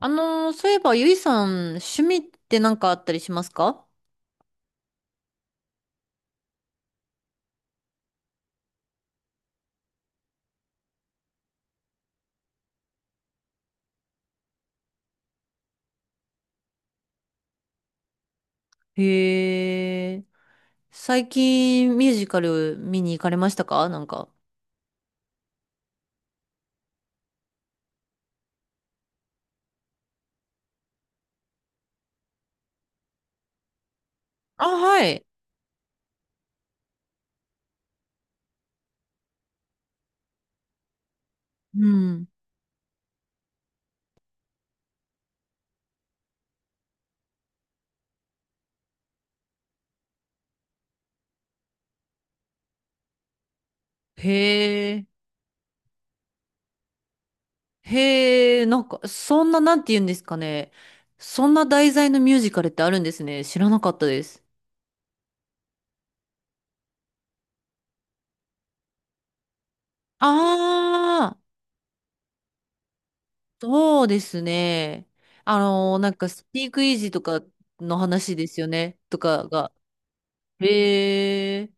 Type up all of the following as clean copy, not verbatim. そういえば、ゆいさん、趣味って何かあったりしますか？へえ。最近、ミュージカル見に行かれましたかなんか。あ、はい。うん。へえ。へえ、なんか、そんな、なんて言うんですかね。そんな題材のミュージカルってあるんですね。知らなかったです。ああ、そうですね。なんか、スピークイージーとかの話ですよね。とかが。へえ。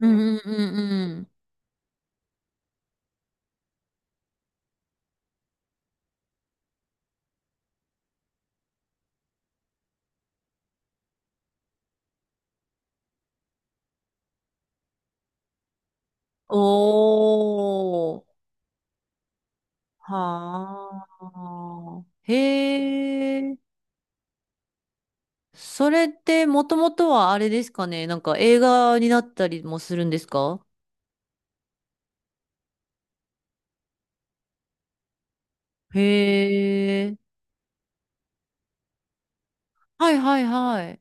うんうんうんうん。おー。はあ。へえ。それってもともとはあれですかね。なんか映画になったりもするんですか？へえ。はいはいはい。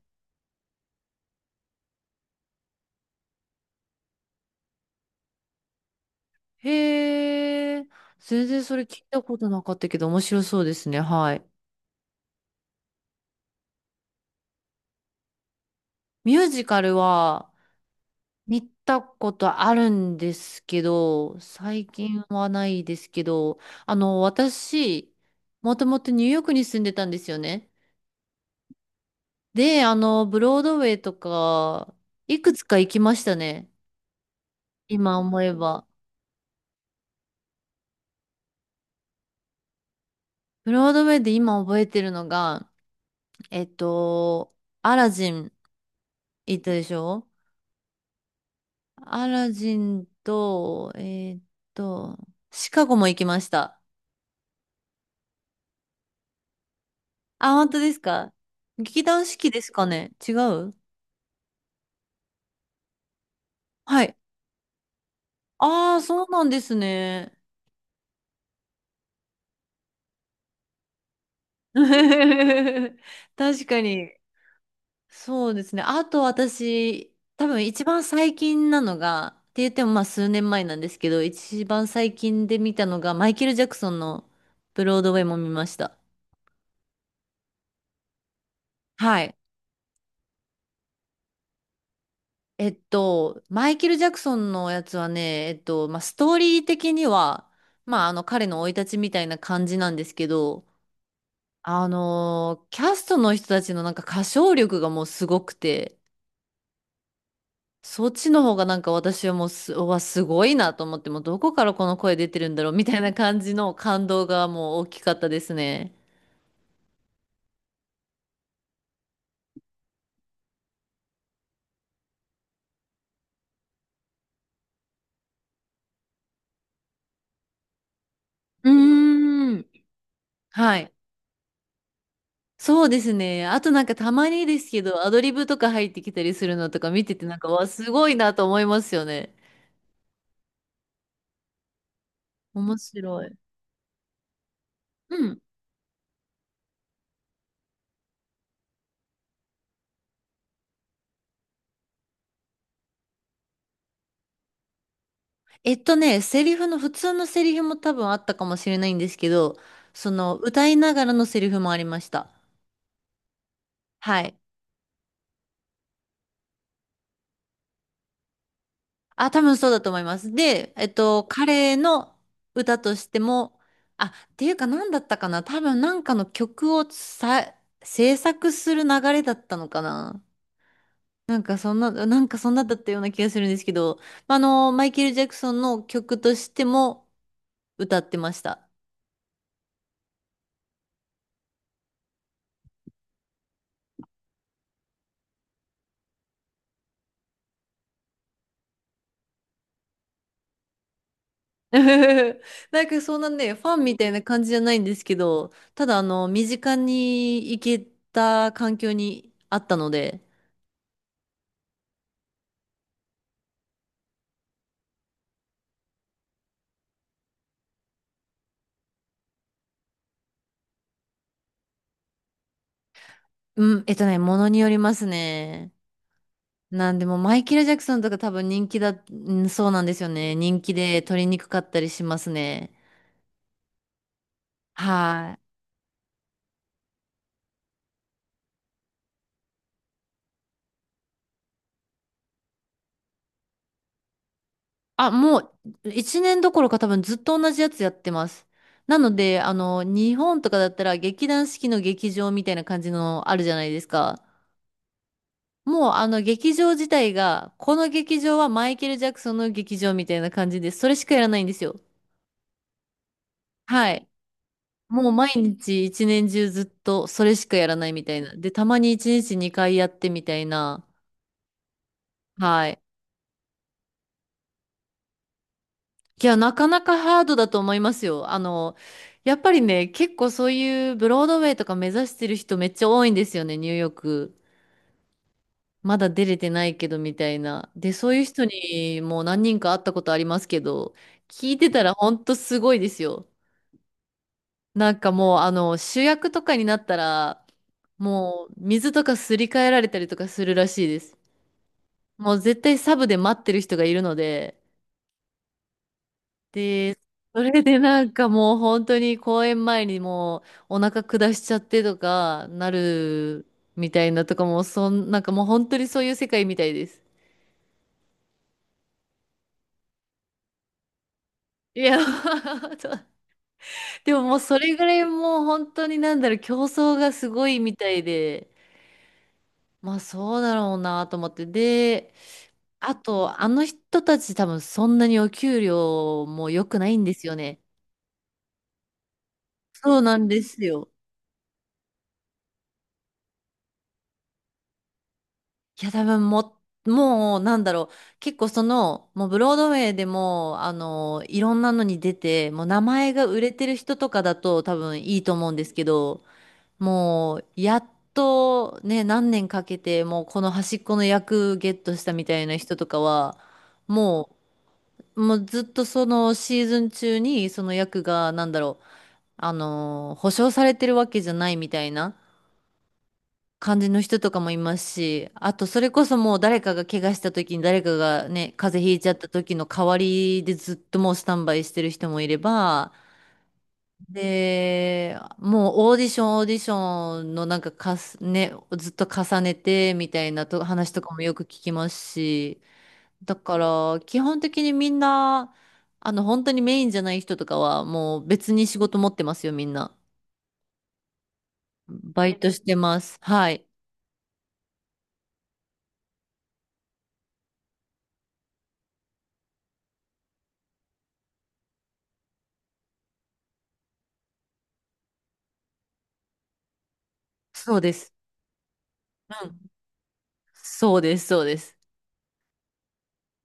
へえ。全然それ聞いたことなかったけど面白そうですね。はい。ミュージカルは見たことあるんですけど、最近はないですけど、あの、私、もともとニューヨークに住んでたんですよね。で、あの、ブロードウェイとか、いくつか行きましたね。今思えば。ブロードウェイで今覚えてるのが、えっと、アラジン行ったでしょ？アラジンと、と、シカゴも行きました。あ、本当ですか？劇団四季ですかね、違う？はい。ああ、そうなんですね。確かに。そうですね。あと私、多分一番最近なのが、って言ってもまあ数年前なんですけど、一番最近で見たのが、マイケル・ジャクソンのブロードウェイも見ました。はい。マイケル・ジャクソンのやつはね、まあ、ストーリー的には、まあ、あの、彼の生い立ちみたいな感じなんですけど、キャストの人たちのなんか歌唱力がもうすごくて、そっちの方がなんか私はもうす、うわ、すごいなと思って、もうどこからこの声出てるんだろうみたいな感じの感動がもう大きかったですね。うーん。はい。そうですね。あとなんかたまにですけど、アドリブとか入ってきたりするのとか見ててなんか、わ、すごいなと思いますよね。面白い。うん。えっとね、セリフの、普通のセリフも多分あったかもしれないんですけど、その、歌いながらのセリフもありました。はい。あ、多分そうだと思います。で、彼の歌としても、あ、っていうか何だったかな、多分なんかの曲をさ、制作する流れだったのかな。なんかそんな、なんかそんなだったような気がするんですけど、まああの、マイケル・ジャクソンの曲としても歌ってました。なんかそんなね、ファンみたいな感じじゃないんですけど、ただあの、身近に行けた環境にあったので、うん、えっとね、ものによりますね。なんでもマイケル・ジャクソンとか多分人気だ、うん、そうなんですよね。人気で取りにくかったりしますね。はい。あ、もう1年どころか多分ずっと同じやつやってます。なので、あの、日本とかだったら劇団四季の劇場みたいな感じのあるじゃないですか。もうあの劇場自体が、この劇場はマイケル・ジャクソンの劇場みたいな感じで、それしかやらないんですよ。はい。もう毎日一年中ずっとそれしかやらないみたいな。で、たまに一日二回やってみたいな。はい。いや、なかなかハードだと思いますよ。あの、やっぱりね、結構そういうブロードウェイとか目指してる人めっちゃ多いんですよね、ニューヨーク。まだ出れてないけどみたいな。で、そういう人にもう何人か会ったことありますけど、聞いてたらほんとすごいですよ。なんかもう、あの、主役とかになったら、もう水とかすり替えられたりとかするらしいです。もう絶対サブで待ってる人がいるので、で、それでなんかもう本当に公演前にもうお腹下しちゃってとかなるみたいなとかもうそん、なんかもう本当にそういう世界みたいです。いや、そう、でももうそれぐらいもう本当になんだろう、競争がすごいみたいで、まあそうだろうなと思って。で、あとあの人たち多分そんなにお給料も良くないんですよね。そうなんですよ。いや、多分もう、なんだろう。結構その、もうブロードウェイでも、あの、いろんなのに出て、もう名前が売れてる人とかだと多分いいと思うんですけど、もう、やっとね、何年かけて、もうこの端っこの役ゲットしたみたいな人とかは、ももうずっとそのシーズン中にその役が、なんだろう、あの、保証されてるわけじゃないみたいな。感じの人とかもいますし、あとそれこそもう誰かが怪我した時に誰かがね、風邪ひいちゃった時の代わりでずっともうスタンバイしてる人もいれば、で、もうオーディションオーディションのなんかかす、ね、ずっと重ねてみたいなと話とかもよく聞きますし、だから基本的にみんな、あの本当にメインじゃない人とかはもう別に仕事持ってますよ、みんな。バイトしてます。はい。そうです。そうです、そうです。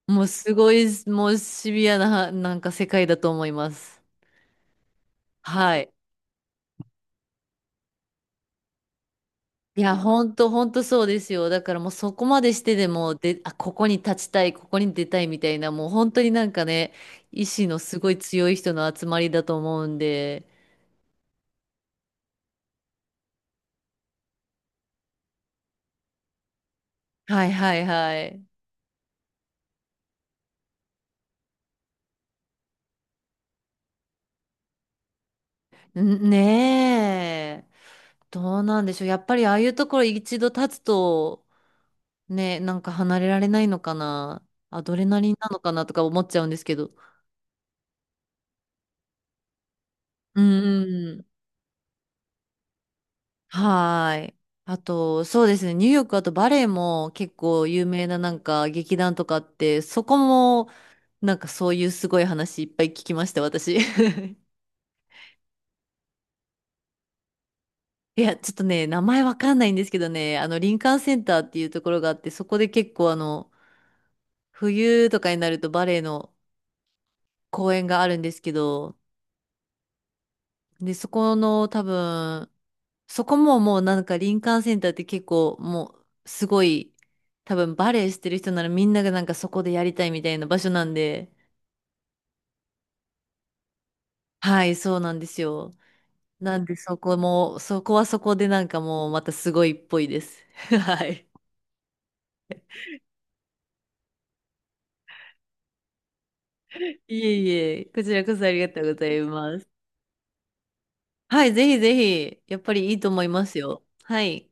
もうすごい、もうシビアな、なんか世界だと思います。はい。いや、ほんとそうですよ。だからもうそこまでしてでも、で、あ、ここに立ちたい、ここに出たいみたいな、もう本当になんかね、意志のすごい強い人の集まりだと思うんで。はいはいはい。んねえ。どうなんでしょう。やっぱりああいうところ一度立つと、ね、なんか離れられないのかな。アドレナリンなのかなとか思っちゃうんですけど。うん。はーい。あと、そうですね。ニューヨーク、あとバレエも結構有名ななんか劇団とかあって、そこもなんかそういうすごい話いっぱい聞きました、私。いや、ちょっとね、名前わかんないんですけどね、あの、林間センターっていうところがあって、そこで結構あの、冬とかになるとバレエの公演があるんですけど、で、そこの多分、そこももうなんか林間センターって結構もうすごい多分バレエしてる人ならみんながなんかそこでやりたいみたいな場所なんで、はい、そうなんですよ。なんでそこも、そこはそこでなんかもうまたすごいっぽいです。はい。いえいえ、こちらこそありがとうございます。はい、ぜひぜひ、やっぱりいいと思いますよ。はい。